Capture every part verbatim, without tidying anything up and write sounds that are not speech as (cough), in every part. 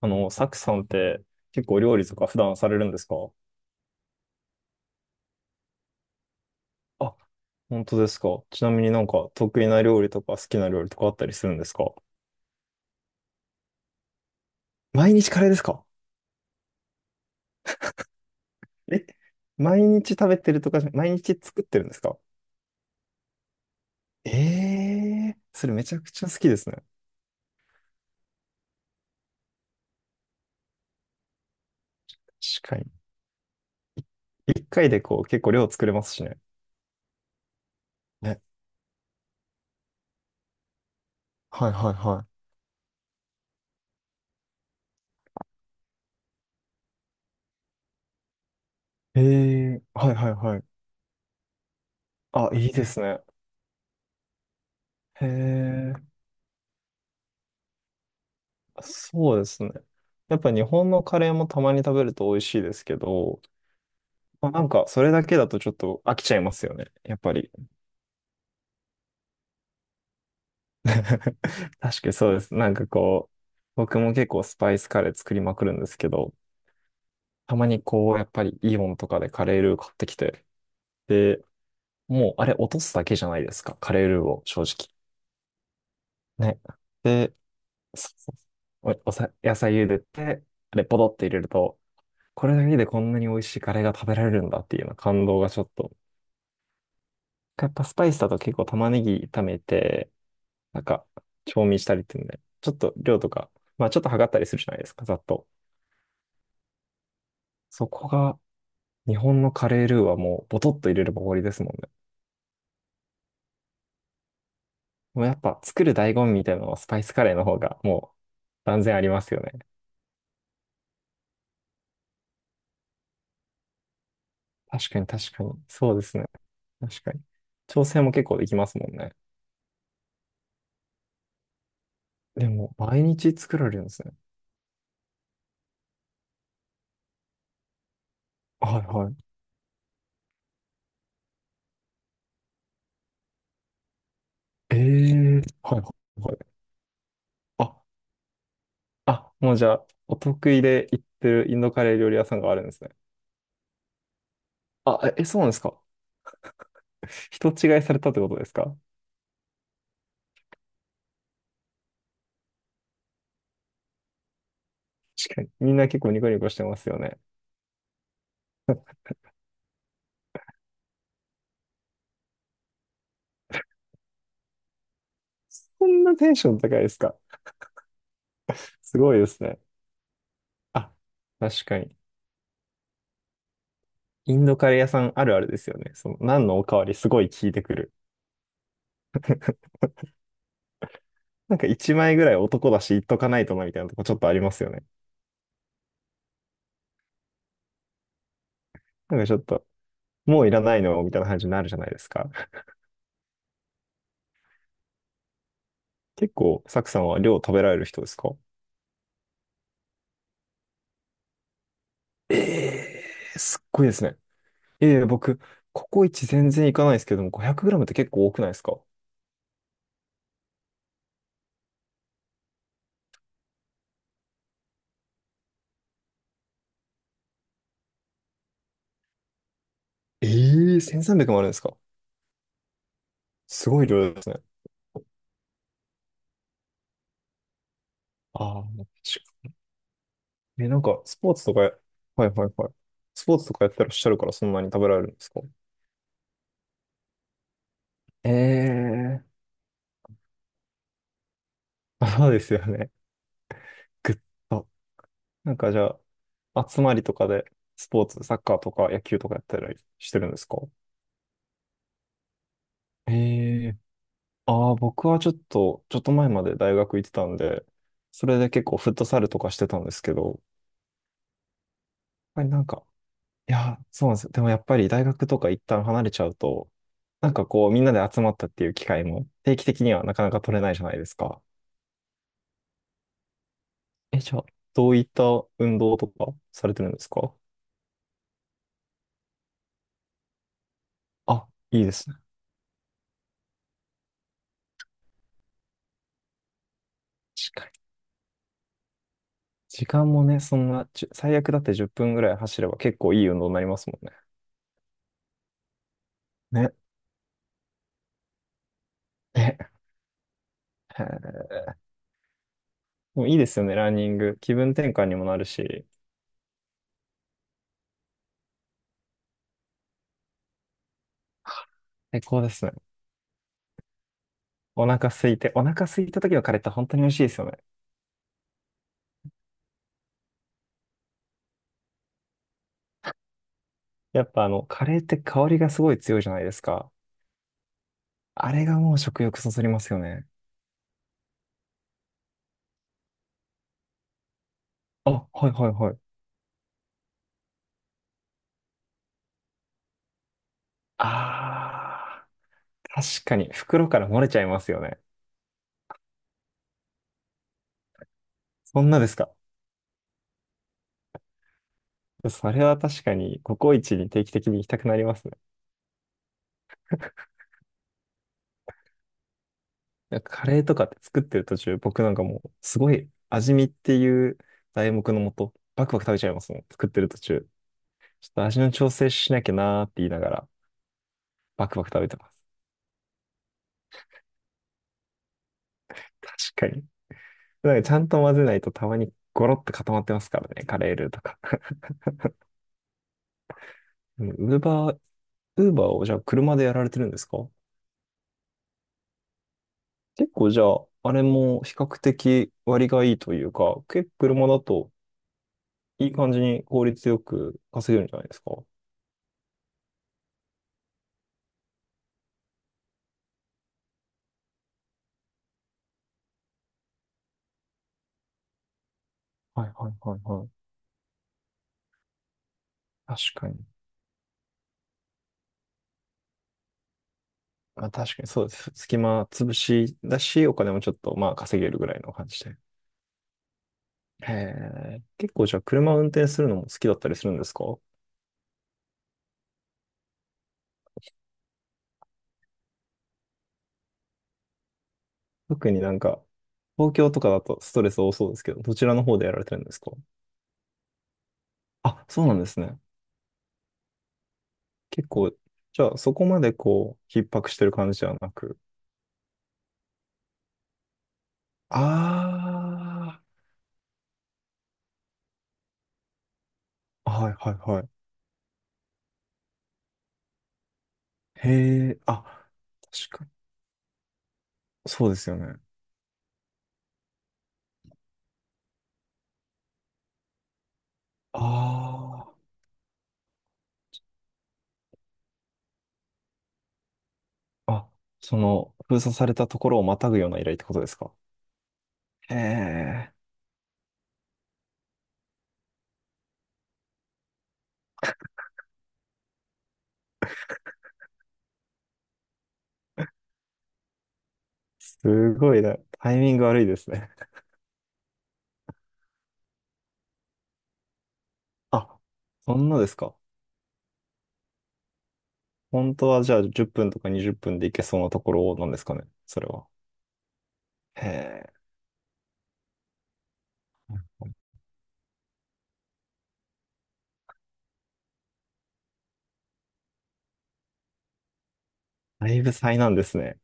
あの、サクさんって結構料理とか普段されるんですか？あ、本当ですか。ちなみになんか得意な料理とか好きな料理とかあったりするんですか？毎日カレーですか？え、毎日食べてるとかじゃ、毎日作ってるんですか？ええー、それめちゃくちゃ好きですね。確かに。一回でこう結構量作れますしね。ね。はいはいはい。ええー、はいはいはい。あ、いいですね。へえ、そうですね。やっぱ日本のカレーもたまに食べると美味しいですけど、まあ、なんか、それだけだとちょっと飽きちゃいますよね。やっぱり。(laughs) 確かにそうです。なんかこう、僕も結構スパイスカレー作りまくるんですけど、たまにこう、やっぱりイオンとかでカレールー買ってきて、で、もうあれ落とすだけじゃないですか。カレールーを、正直。ね。で、そうそうそうお、おさ、野菜茹でて、あれポドって入れると、これだけでこんなに美味しいカレーが食べられるんだっていうような感動がちょっと。やっぱスパイスだと結構玉ねぎ炒めて、なんか、調味したりっていうので、ちょっと量とか、まあちょっと測ったりするじゃないですか、ざっと。そこが、日本のカレールーはもう、ボトッと入れれば終わりですもんね。もうやっぱ、作る醍醐味みたいなのは、スパイスカレーの方が、もう、断然ありますよね。確かに確かに。そうですね。確かに。調整も結構できますもんね。でも、毎日作られるんですね。はいはい。ええ、はいはいはい。あ、あ、もうじゃあ、お得意で行ってるインドカレー料理屋さんがあるんですね。あ、え、え、そうなんですか。(laughs) 人違いされたってことですか？確かに。みんな結構ニコニコしてますよね。こんなテンション高いですか？すごいですね。あ、確かに。インドカレー屋さんあるあるですよね。その、何のおかわりすごい聞いてくる。なんか一枚ぐらい男だし言っとかないとなみたいなとこちょっとありますよね。なんかちょっと、もういらないのみたいな感じになるじゃないですか。結構、サクさんは量食べられる人ですか？ええー、すっごいですね。ええ、僕、ココイチ全然いかないですけども、ごひゃくグラム って結構多くないですか？ええー、せんさんびゃくもあるんですか？すごい量ですね。ああ、確かに。え、なんか、スポーツとかや、はいはいはい。スポーツとかやってらっしゃるからそんなに食べられるんですか？ええー、そうですよね。ぐっと。なんかじゃあ、集まりとかで、スポーツ、サッカーとか野球とかやったりしてるんですか？ええ、ああ、僕はちょっと、ちょっと前まで大学行ってたんで、それで結構フットサルとかしてたんですけど、やっぱりなんか、いや、そうなんですよ。でもやっぱり大学とか一旦離れちゃうと、なんかこうみんなで集まったっていう機会も定期的にはなかなか取れないじゃないですか。え、じゃあ、どういった運動とかされてるんですか？あ、いいですね。確かに。時間もね、そんな、じゅ最悪だってじゅっぷんぐらい走れば結構いい運動になりますもんね。ね。ね。へー (laughs) でもいいですよね、ランニング。気分転換にもなるし、最高ですね。お腹空いて、お腹空いた時のカレーって本当に美味しいですよね。やっぱあの、カレーって香りがすごい強いじゃないですか。あれがもう食欲そそりますよね。あ、はいはいはい。あー、確かに袋から漏れちゃいますよね。そんなですか。それは確かにココイチに定期的に行きたくなりますね。なんかカレーとかって作ってる途中、僕なんかもうすごい味見っていう題目のもと、バクバク食べちゃいますもん。作ってる途中。ちょっと味の調整しなきゃなーって言いながら、バクバク食べてます。確かに。なんかちゃんと混ぜないとたまにゴロッと固まってますからね、カレールーとか。ウーバー、ウーバーをじゃあ車でやられてるんですか？結構じゃあ、あれも比較的割がいいというか、結構車だといい感じに効率よく稼げるんじゃないですか？はいはいはいはい。確かに。あ、確かにそうです。隙間潰しだし、お金もちょっとまあ稼げるぐらいの感じで。へえ。結構じゃあ車運転するのも好きだったりするんですか？特になんか、東京とかだとストレス多そうですけど、どちらの方でやられてるんですか？あ、そうなんですね。結構、じゃあそこまでこう、逼迫してる感じじゃなく。ああ、はいはいはい。へえ、あ、確かに。そうですよね。ああ、あ、その、封鎖されたところをまたぐような依頼ってことですか？へえ、すごいね。タイミング悪いですね。(laughs) あ、そんなですか。本当はじゃあじゅっぷんとかにじゅっぷんで行けそうなところなんですかね。それは。へえ、だいぶ災難ですね。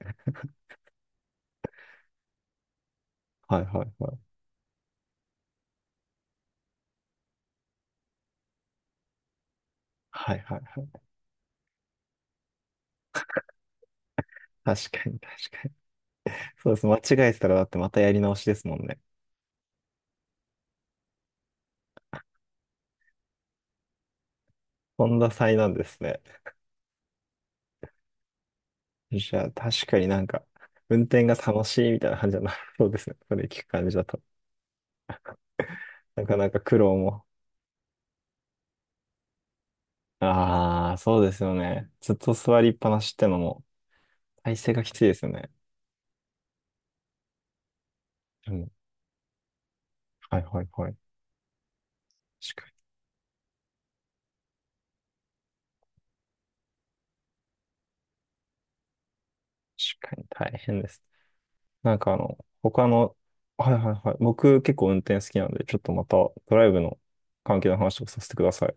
はいはいはい。はいはいはい。確かに確かに。そうです。間違えてたらだってまたやり直しですもんね。とんだ災難ですね。じゃあ確かになんか、運転が楽しいみたいな感じじゃなさ (laughs) そうですね。それ聞く感じだと。なかなか苦労も。ああ、そうですよね。ずっと座りっぱなしってのも、体勢がきついですよね。うん、はいはいはい。確かに、確かに大変です。なんかあの、他の、はいはいはい。僕結構運転好きなんで、ちょっとまたドライブの関係の話をさせてください。